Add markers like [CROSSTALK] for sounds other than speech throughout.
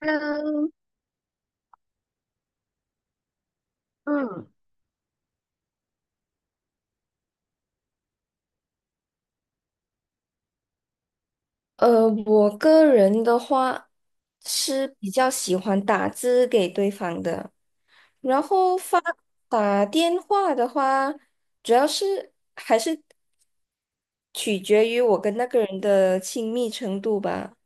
嗯嗯，我个人的话是比较喜欢打字给对方的，然后打电话的话，主要是还是取决于我跟那个人的亲密程度吧。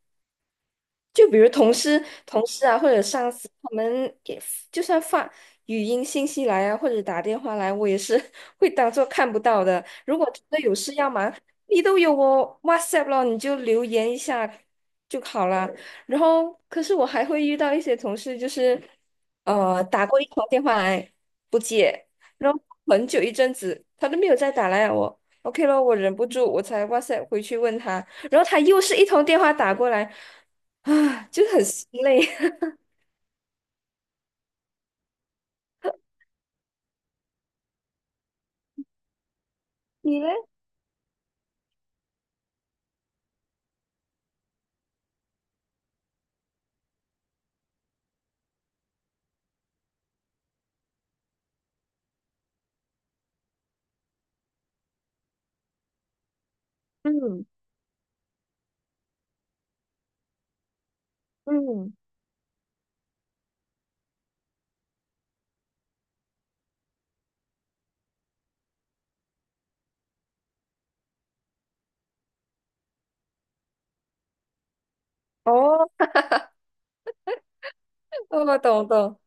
就比如同事啊，或者上司，他们给就算发语音信息来啊，或者打电话来，我也是 [LAUGHS] 会当做看不到的。如果真的有事要忙，你都有我 WhatsApp 了，你就留言一下就好啦。然后，可是我还会遇到一些同事，就是打过一通电话来不接，然后很久一阵子他都没有再打来我。OK 咯，我忍不住，我才哇塞回去问他，然后他又是一通电话打过来。啊，就很心累。[LAUGHS] 你嘞？嗯嗯，哦，我懂懂，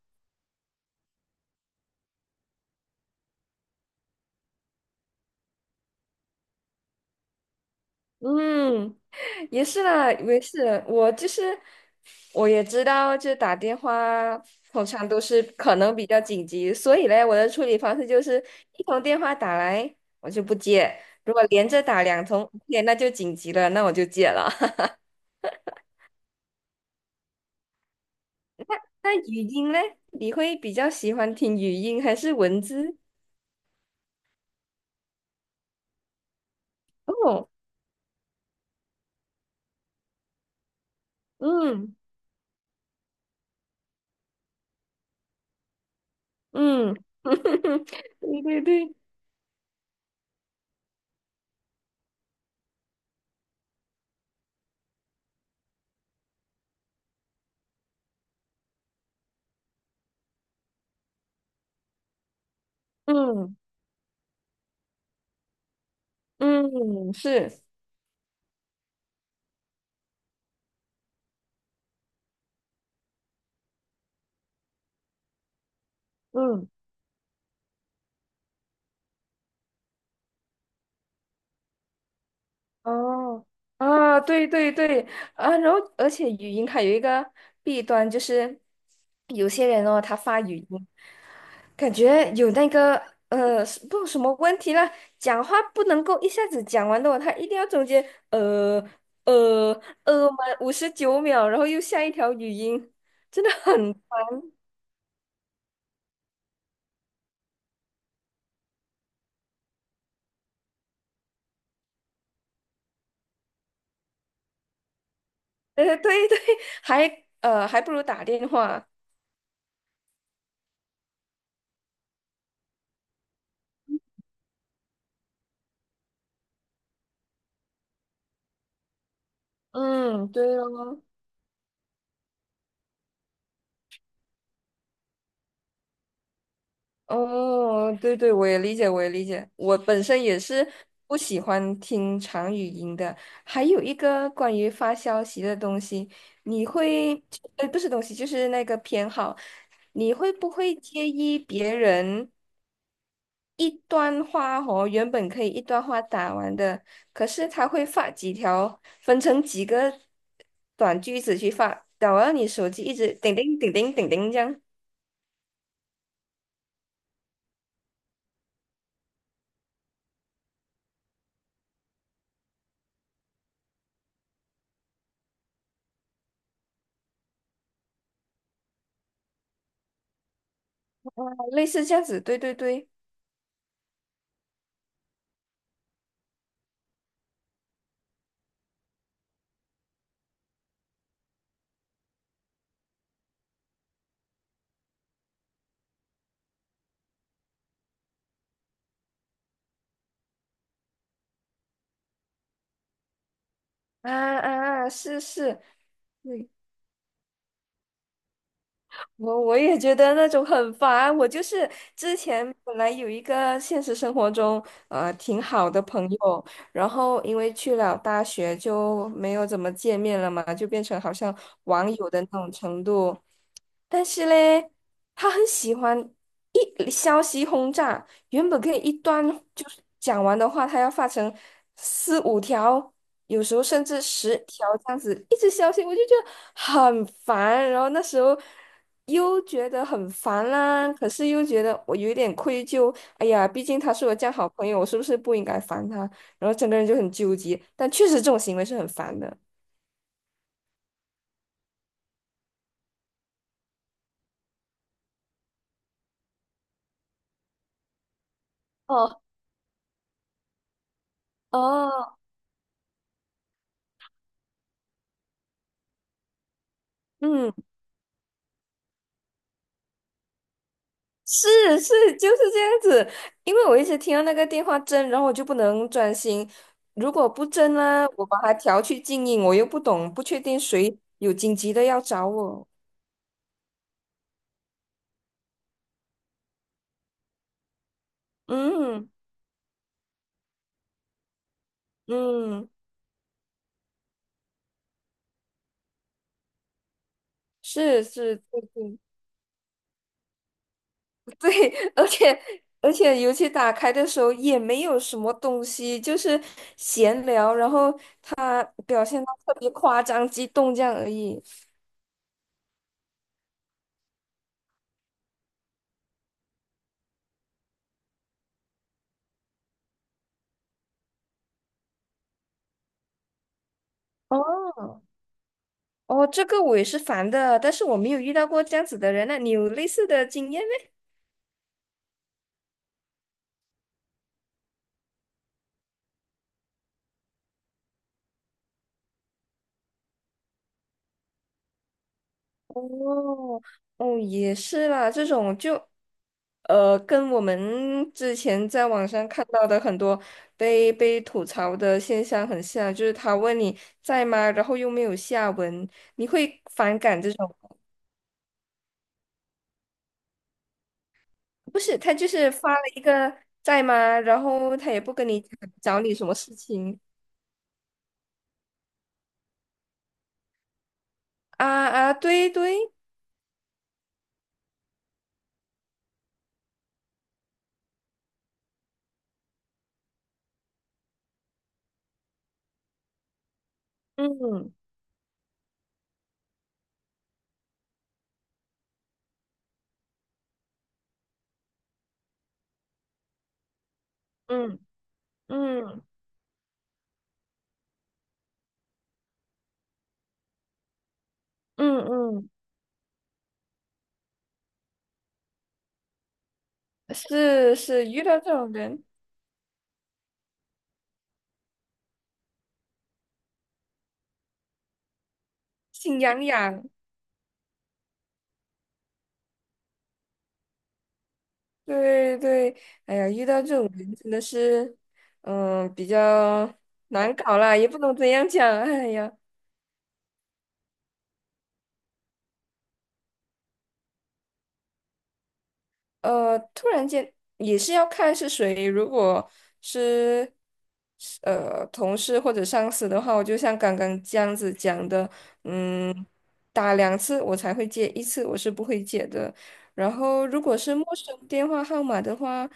嗯，也是啦，没事，我就是我也知道，就打电话通常都是可能比较紧急，所以嘞，我的处理方式就是一通电话打来我就不接，如果连着打两通 o 那就紧急了，那我就接了。[LAUGHS] 那语音嘞，你会比较喜欢听语音还是文字？哦，嗯嗯，[LAUGHS] 对对对。嗯嗯，是，嗯，哦，啊，对对对，啊，然后而且语音它有一个弊端，就是有些人哦，他发语音，感觉有那个是不知道什么问题了，讲话不能够一下子讲完的哦，他一定要中间呃呃满59秒，然后又下一条语音，真的很，对对，还不如打电话，嗯，对哦。哦，对对，我也理解，我也理解。我本身也是不喜欢听长语音的。还有一个关于发消息的东西，你会，不是东西，就是那个偏好，你会不会介意别人一段话哦，原本可以一段话打完的，可是他会发几条，分成几个短句子去发，打完你手机一直叮叮叮叮叮叮这样，哦类似这样子，对对对。啊啊，啊是是，嗯，我也觉得那种很烦。我就是之前本来有一个现实生活中挺好的朋友，然后因为去了大学就没有怎么见面了嘛，就变成好像网友的那种程度。但是嘞，他很喜欢一消息轰炸，原本可以一段就是讲完的话，他要发成四五条。有时候甚至10条这样子一直消息，我就觉得很烦。然后那时候又觉得很烦啦，可是又觉得我有一点愧疚。哎呀，毕竟他是我这样好朋友，我是不是不应该烦他？然后整个人就很纠结。但确实这种行为是很烦的。哦哦，嗯，是是，就是这样子。因为我一直听到那个电话震，然后我就不能专心。如果不震呢，我把它调去静音，我又不懂，不确定谁有紧急的要找我。嗯嗯，是是，对对对，[LAUGHS] 而且，尤其打开的时候也没有什么东西，就是闲聊，然后他表现的特别夸张、激动这样而已。哦哦，这个我也是烦的，但是我没有遇到过这样子的人那你有类似的经验？哦，哦，也是啦，这种就，跟我们之前在网上看到的很多被吐槽的现象很像，就是他问你在吗，然后又没有下文，你会反感这种。不是，他就是发了一个在吗，然后他也不跟你讲找你什么事情啊啊，对对，嗯嗯嗯嗯嗯，是是，遇到这种人心痒痒。对对，哎呀，遇到这种人真的是，嗯，比较难搞啦，也不能怎样讲。哎呀，突然间也是要看是谁，如果是是同事或者上司的话，我就像刚刚这样子讲的，嗯，打两次我才会接，一次我是不会接的。然后如果是陌生电话号码的话。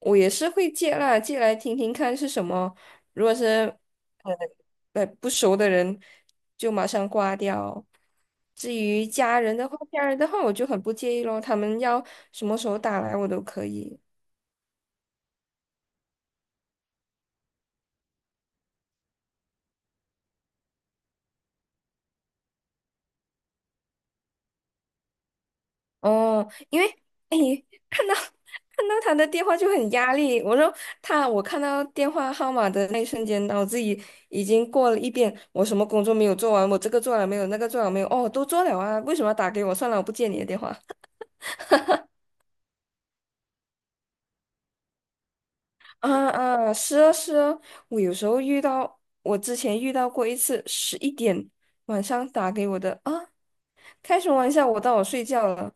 我也是会借啦，借来听听看是什么。如果是呃不熟的人，就马上挂掉。至于家人的话，家人的话我就很不介意咯，他们要什么时候打来我都可以。哦，因为哎，看到 [LAUGHS] 看到他的电话就很压力。我说他，我看到电话号码的那一瞬间，脑子已经过了一遍，我什么工作没有做完，我这个做了没有，那个做了没有，哦，都做了啊，为什么要打给我？算了，我不接你的电话。啊啊，是啊是啊，我有时候遇到，我之前遇到过一次，11点晚上打给我的啊，开什么玩笑，我当我睡觉了，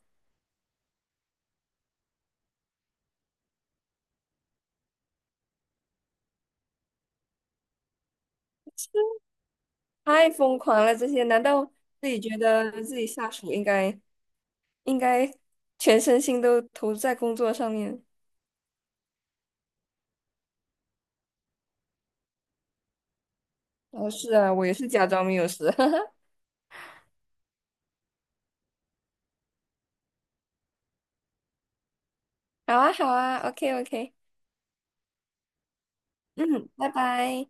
太疯狂了这些，难道自己觉得自己下属应该应该全身心都投入在工作上面？哦，是啊，我也是假装没有事，[LAUGHS] 好啊好啊，OK OK，嗯，拜拜。